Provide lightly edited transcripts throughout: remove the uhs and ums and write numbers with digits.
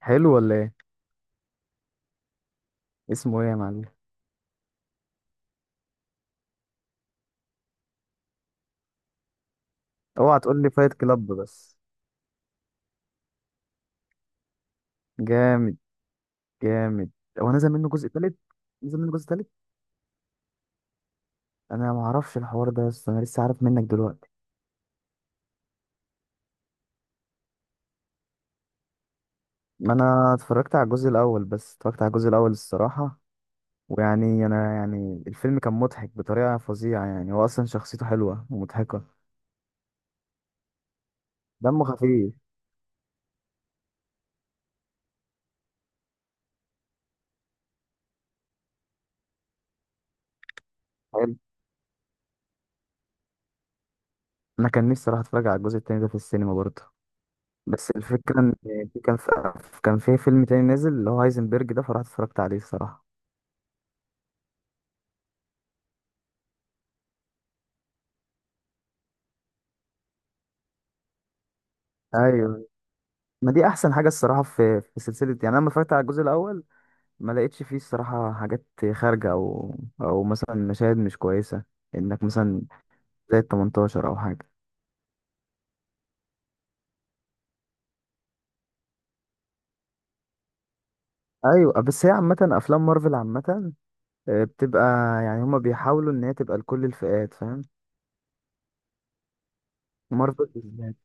حلو ولا ايه؟ اسمه ايه يا معلم؟ اوعى تقول لي فايت كلاب بس. جامد. جامد. هو نزل منه جزء تالت؟ نزل منه جزء تالت. انا ما اعرفش الحوار ده، بس انا لسه عارف منك دلوقتي. ما انا اتفرجت على الجزء الاول، بس اتفرجت على الجزء الاول الصراحه. ويعني انا يعني الفيلم كان مضحك بطريقه فظيعه، يعني هو اصلا شخصيته حلوه ومضحكه. دمه خفيف. حلو. انا كان نفسي اروح اتفرج على الجزء التاني ده في السينما برضه، بس الفكره ان في فيلم تاني نازل اللي هو هايزنبرج ده، فرحت اتفرجت عليه الصراحه. ايوه. ما دي احسن حاجه الصراحه في سلسله، يعني انا لما اتفرجت على الجزء الاول ما لقيتش فيه الصراحه حاجات خارجه، او او مثلا مشاهد مش كويسه، انك مثلا زي ال 18 او حاجه. ايوه، بس هي عامه افلام مارفل عامه بتبقى، يعني هما بيحاولوا ان هي تبقى لكل الفئات، فاهم؟ مارفل بالذات.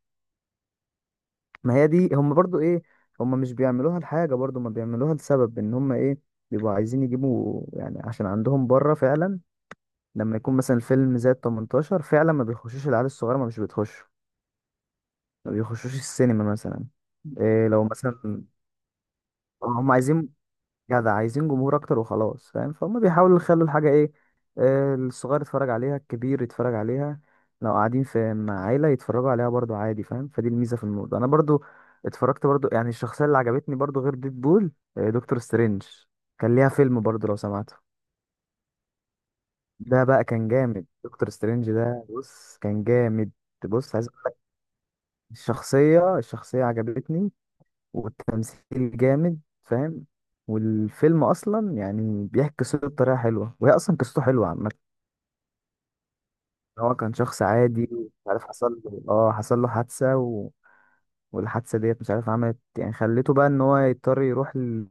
ما هي دي، هما برضو ايه، هما مش بيعملوها لحاجه، برضو ما بيعملوها لسبب، ان هما ايه، بيبقوا عايزين يجيبوا يعني، عشان عندهم بره فعلا لما يكون مثلا الفيلم زاد 18 فعلا ما بيخشوش العيال الصغيره، ما مش بتخش، ما بيخشوش السينما مثلا. إيه لو مثلا هم عايزين، جدع عايزين جمهور اكتر وخلاص، فاهم؟ فهم بيحاولوا يخلوا الحاجه ايه، الصغير يتفرج عليها، الكبير يتفرج عليها، لو قاعدين في مع عيله يتفرجوا عليها برضو عادي، فاهم؟ فدي الميزه في الموضوع. انا برضو اتفرجت برضو، يعني الشخصيه اللي عجبتني برضو غير ديدبول دكتور سترينج، كان ليها فيلم برضو لو سمعته. ده بقى كان جامد، دكتور سترينج ده بص كان جامد. بص عايز اقول لك، الشخصيه عجبتني، والتمثيل جامد، فاهم؟ والفيلم اصلا يعني بيحكي قصته بطريقه حلوه، وهي اصلا قصته حلوه عامه. إن هو كان شخص عادي ومش عارف حصل له إيه، اه حصل له حادثه والحادثه ديت مش عارف عملت يعني، خليته بقى ان هو يضطر يروح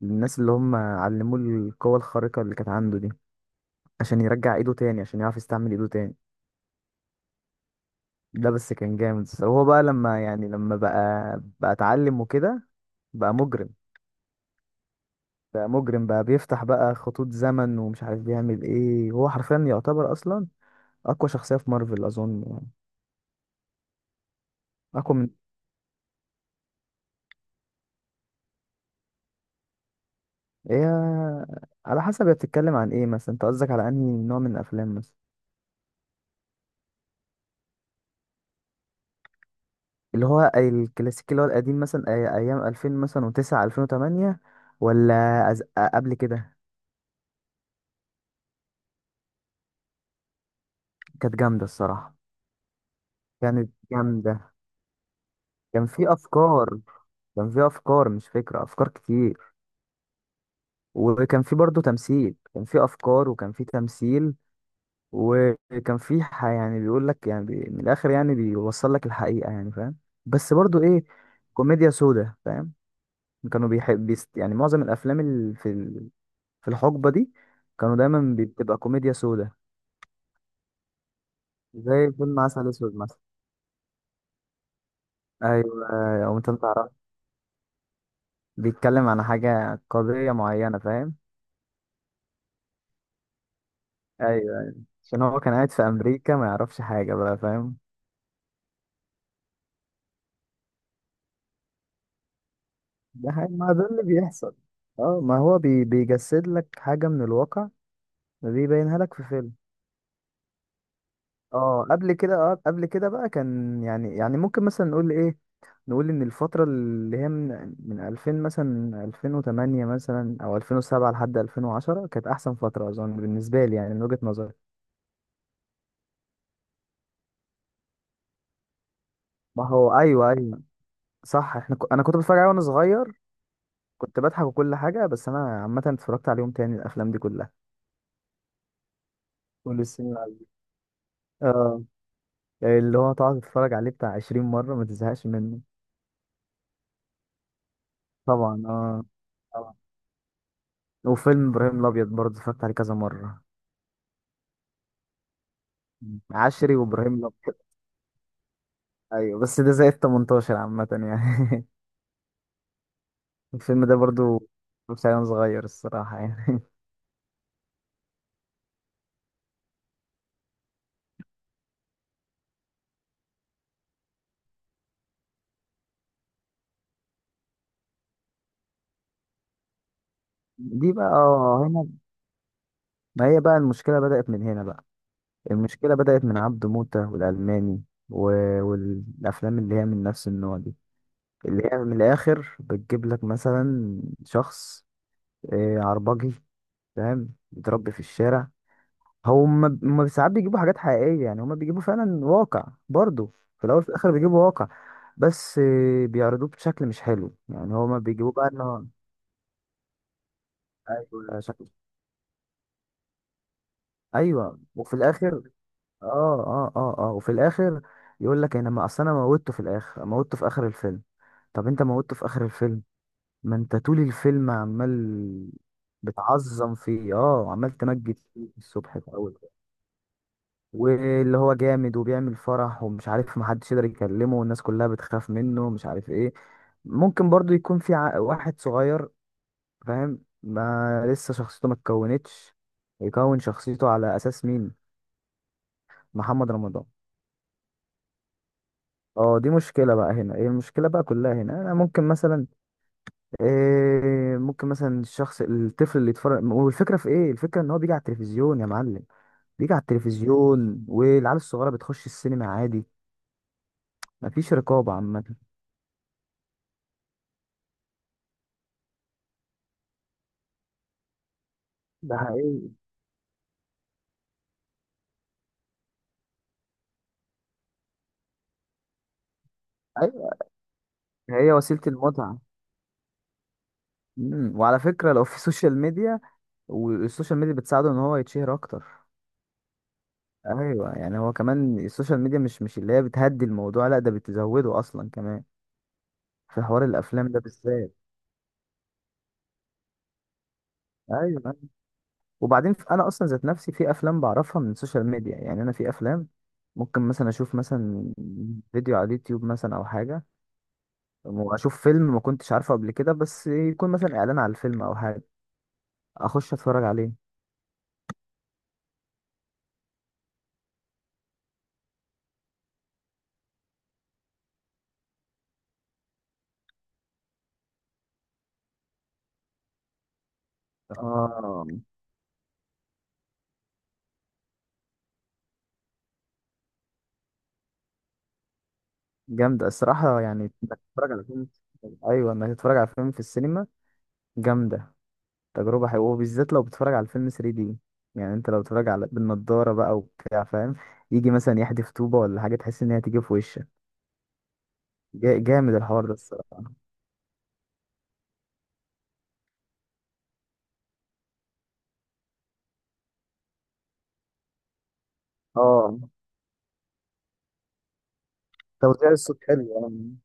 للناس اللي هم علموه القوه الخارقه اللي كانت عنده دي، عشان يرجع ايده تاني، عشان يعرف يستعمل ايده تاني. ده بس كان جامد. هو بقى لما يعني لما بقى بقى اتعلم وكده، بقى مجرم. ده مجرم بقى، بيفتح بقى خطوط زمن، ومش عارف بيعمل ايه، هو حرفيا يعتبر اصلا اقوى شخصية في مارفل اظن يعني. اقوى من ايه؟ على حسب هي بتتكلم عن ايه مثلا، انت قصدك على انهي نوع من الافلام مثلا؟ اللي هو الكلاسيكي اللي هو القديم مثلا، ايام 2000 مثلا و9 2008، ولا قبل كده؟ كانت جامدة الصراحة. كانت جامدة. كان في افكار، كان في مش فكرة، افكار كتير، وكان في برضه تمثيل، كان في افكار وكان في تمثيل. وكان في يعني بيقول لك يعني، من الاخر يعني بيوصل لك الحقيقه يعني، فاهم؟ بس برضو ايه، كوميديا سودا، فاهم؟ كانوا بيحب بيست، يعني معظم الافلام اللي في الحقبه دي كانوا دايما بتبقى كوميديا سودا. زي فيلم عسل اسود مثلا. ايوه. او انت بتعرف، بيتكلم عن حاجه، قضيه معينه، فاهم؟ ايوه، أيوه. عشان هو كان قاعد في امريكا، ما يعرفش حاجه بقى، فاهم؟ ده حقيقي، ما ده اللي بيحصل. اه ما هو بيجسد لك حاجه من الواقع، بيبينها لك في فيلم. اه قبل كده، اه قبل كده بقى كان يعني، يعني ممكن مثلا نقول ايه، نقول ان الفترة اللي هي من 2000 مثلا 2008 مثلا او 2007 لحد 2010 كانت احسن فترة اظن بالنسبة لي، يعني من وجهة نظري. ما هو ايوه ايوه، صح، احنا انا كنت بتفرج عليه وانا صغير، كنت بضحك وكل حاجة، بس انا عامة اتفرجت عليهم تاني الافلام دي كلها، كل السنين عليه. اه، اللي هو تقعد تتفرج عليه بتاع 20 مرة ما تزهقش منه. طبعا اه. طبعا. وفيلم ابراهيم الابيض برضه اتفرجت عليه كذا مرة. عشري وابراهيم الابيض، ايوه، بس ده زائد 18 عامة يعني. الفيلم ده برضو مش عيل صغير الصراحة يعني. دي بقى اه هنا. ما هي بقى المشكلة بدأت من هنا بقى. المشكلة بدأت من عبده موتة والألماني، و... والأفلام اللي هي من نفس النوع دي، اللي هي من الآخر بتجيب لك مثلا شخص عربجي، فاهم؟ بيتربي في الشارع. هم ساعات بيجيبوا حاجات حقيقية، يعني هم بيجيبوا فعلا واقع برضو، في الأول وفي الآخر بيجيبوا واقع، بس بيعرضوه بشكل مش حلو، يعني هما بيجيبوه بقى إن هو أيوة شكل. أيوه وفي الآخر، وفي الآخر يقول لك أنا ما أصل أنا موتته في الآخر، موتته في آخر الفيلم. طب أنت موتته في آخر الفيلم، ما أنت طول الفيلم عمال بتعظم فيه، آه عمال تمجد فيه الصبح في أول، واللي هو جامد وبيعمل فرح ومش عارف، محدش يقدر يكلمه والناس كلها بتخاف منه ومش عارف ايه. ممكن برضو يكون في واحد صغير فاهم، ما لسه شخصيته ما اتكونتش، يكون شخصيته على اساس مين؟ محمد رمضان اه، دي مشكلة بقى هنا، ايه المشكلة بقى كلها هنا؟ انا ممكن مثلا إيه، ممكن مثلا الشخص الطفل اللي يتفرج، والفكرة في ايه الفكرة؟ ان هو بيجي على التلفزيون يا معلم، بيجي على التلفزيون، والعيال الصغيرة بتخش السينما عادي، مفيش رقابة عامة. ده حقيقي. ايوه، هي وسيله المتعه. امم، وعلى فكره لو في سوشيال ميديا، والسوشيال ميديا بتساعده ان هو يتشهر اكتر. ايوه، يعني هو كمان السوشيال ميديا مش اللي هي بتهدي الموضوع، لا ده بتزوده اصلا كمان في حوار الافلام ده بالذات. ايوه، وبعدين انا اصلا ذات نفسي في افلام بعرفها من السوشيال ميديا، يعني انا في افلام ممكن مثلا اشوف مثلا فيديو على اليوتيوب مثلا او حاجه، واشوف فيلم ما كنتش عارفه قبل كده، بس يكون مثلا اعلان على الفيلم او حاجه، اخش اتفرج عليه. اه جامدة الصراحة يعني، انك تتفرج على فيلم، ايوه انك تتفرج على فيلم في السينما، جامدة. تجربة حلوة، وبالذات لو بتتفرج على الفيلم 3 دي، يعني انت لو بتتفرج على بالنضارة بقى وبتاع فاهم، يجي مثلا يحدف طوبة ولا حاجة تحس ان هي تيجي في وشك. جامد الحوار ده الصراحة. اه، توزيع الصوت حلو يعني.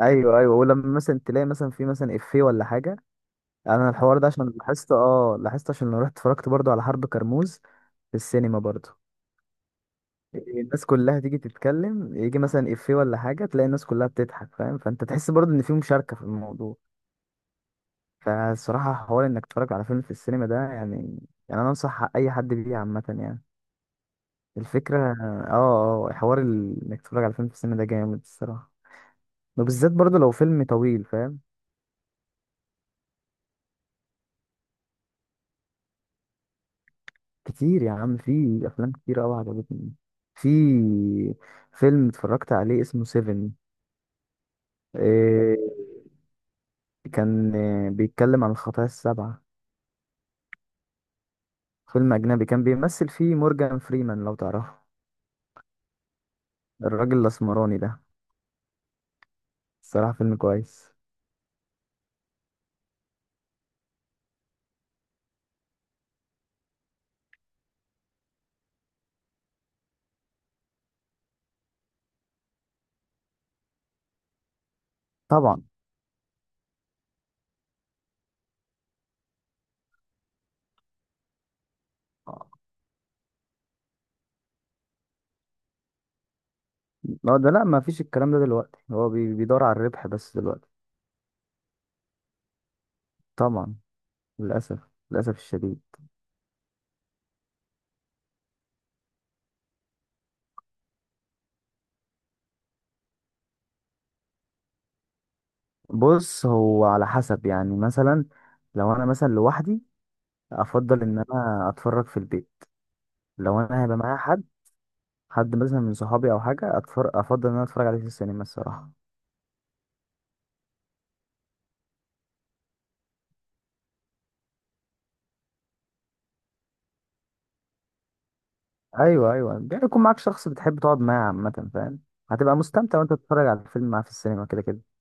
ايوه ايوه، ولما مثلا تلاقي مثلا في مثلا افيه ولا حاجة. انا الحوار ده عشان لاحظته، اه لاحظته عشان لما رحت اتفرجت برضو على حرب كرموز في السينما برضو، الناس كلها تيجي تتكلم، يجي مثلا افيه ولا حاجه تلاقي الناس كلها بتضحك، فاهم؟ فانت تحس برضه ان في مشاركه في الموضوع. فالصراحه حوار انك تتفرج على فيلم في السينما ده يعني، يعني انا انصح اي حد بيه عامه يعني، الفكره اه، اه حوار انك تتفرج على فيلم في السينما ده جامد الصراحه، وبالذات برضه لو فيلم طويل، فاهم؟ كتير يا عم، في افلام كتير قوي عجبتني، في فيلم اتفرجت عليه اسمه سيفن. إيه، كان بيتكلم عن الخطايا السبعة. فيلم أجنبي كان بيمثل فيه مورجان فريمان لو تعرفه، الراجل الأسمراني ده. الصراحة فيلم كويس. طبعا اه، ده لا ما فيش الكلام ده دلوقتي، هو بيدور على الربح بس دلوقتي. طبعا، للأسف، للأسف الشديد. بص هو على حسب يعني، مثلا لو أنا مثلا لوحدي أفضل إن أنا أتفرج في البيت، لو أنا هيبقى معايا حد، حد مثلا من صحابي أو حاجة أتفرج، أفضل إن أنا أتفرج عليه في السينما الصراحة. ايوه ايوه، يعني يكون معاك شخص بتحب تقعد معاه عامة، فاهم؟ هتبقى مستمتع وانت بتتفرج على الفيلم معاه في السينما، كده كده.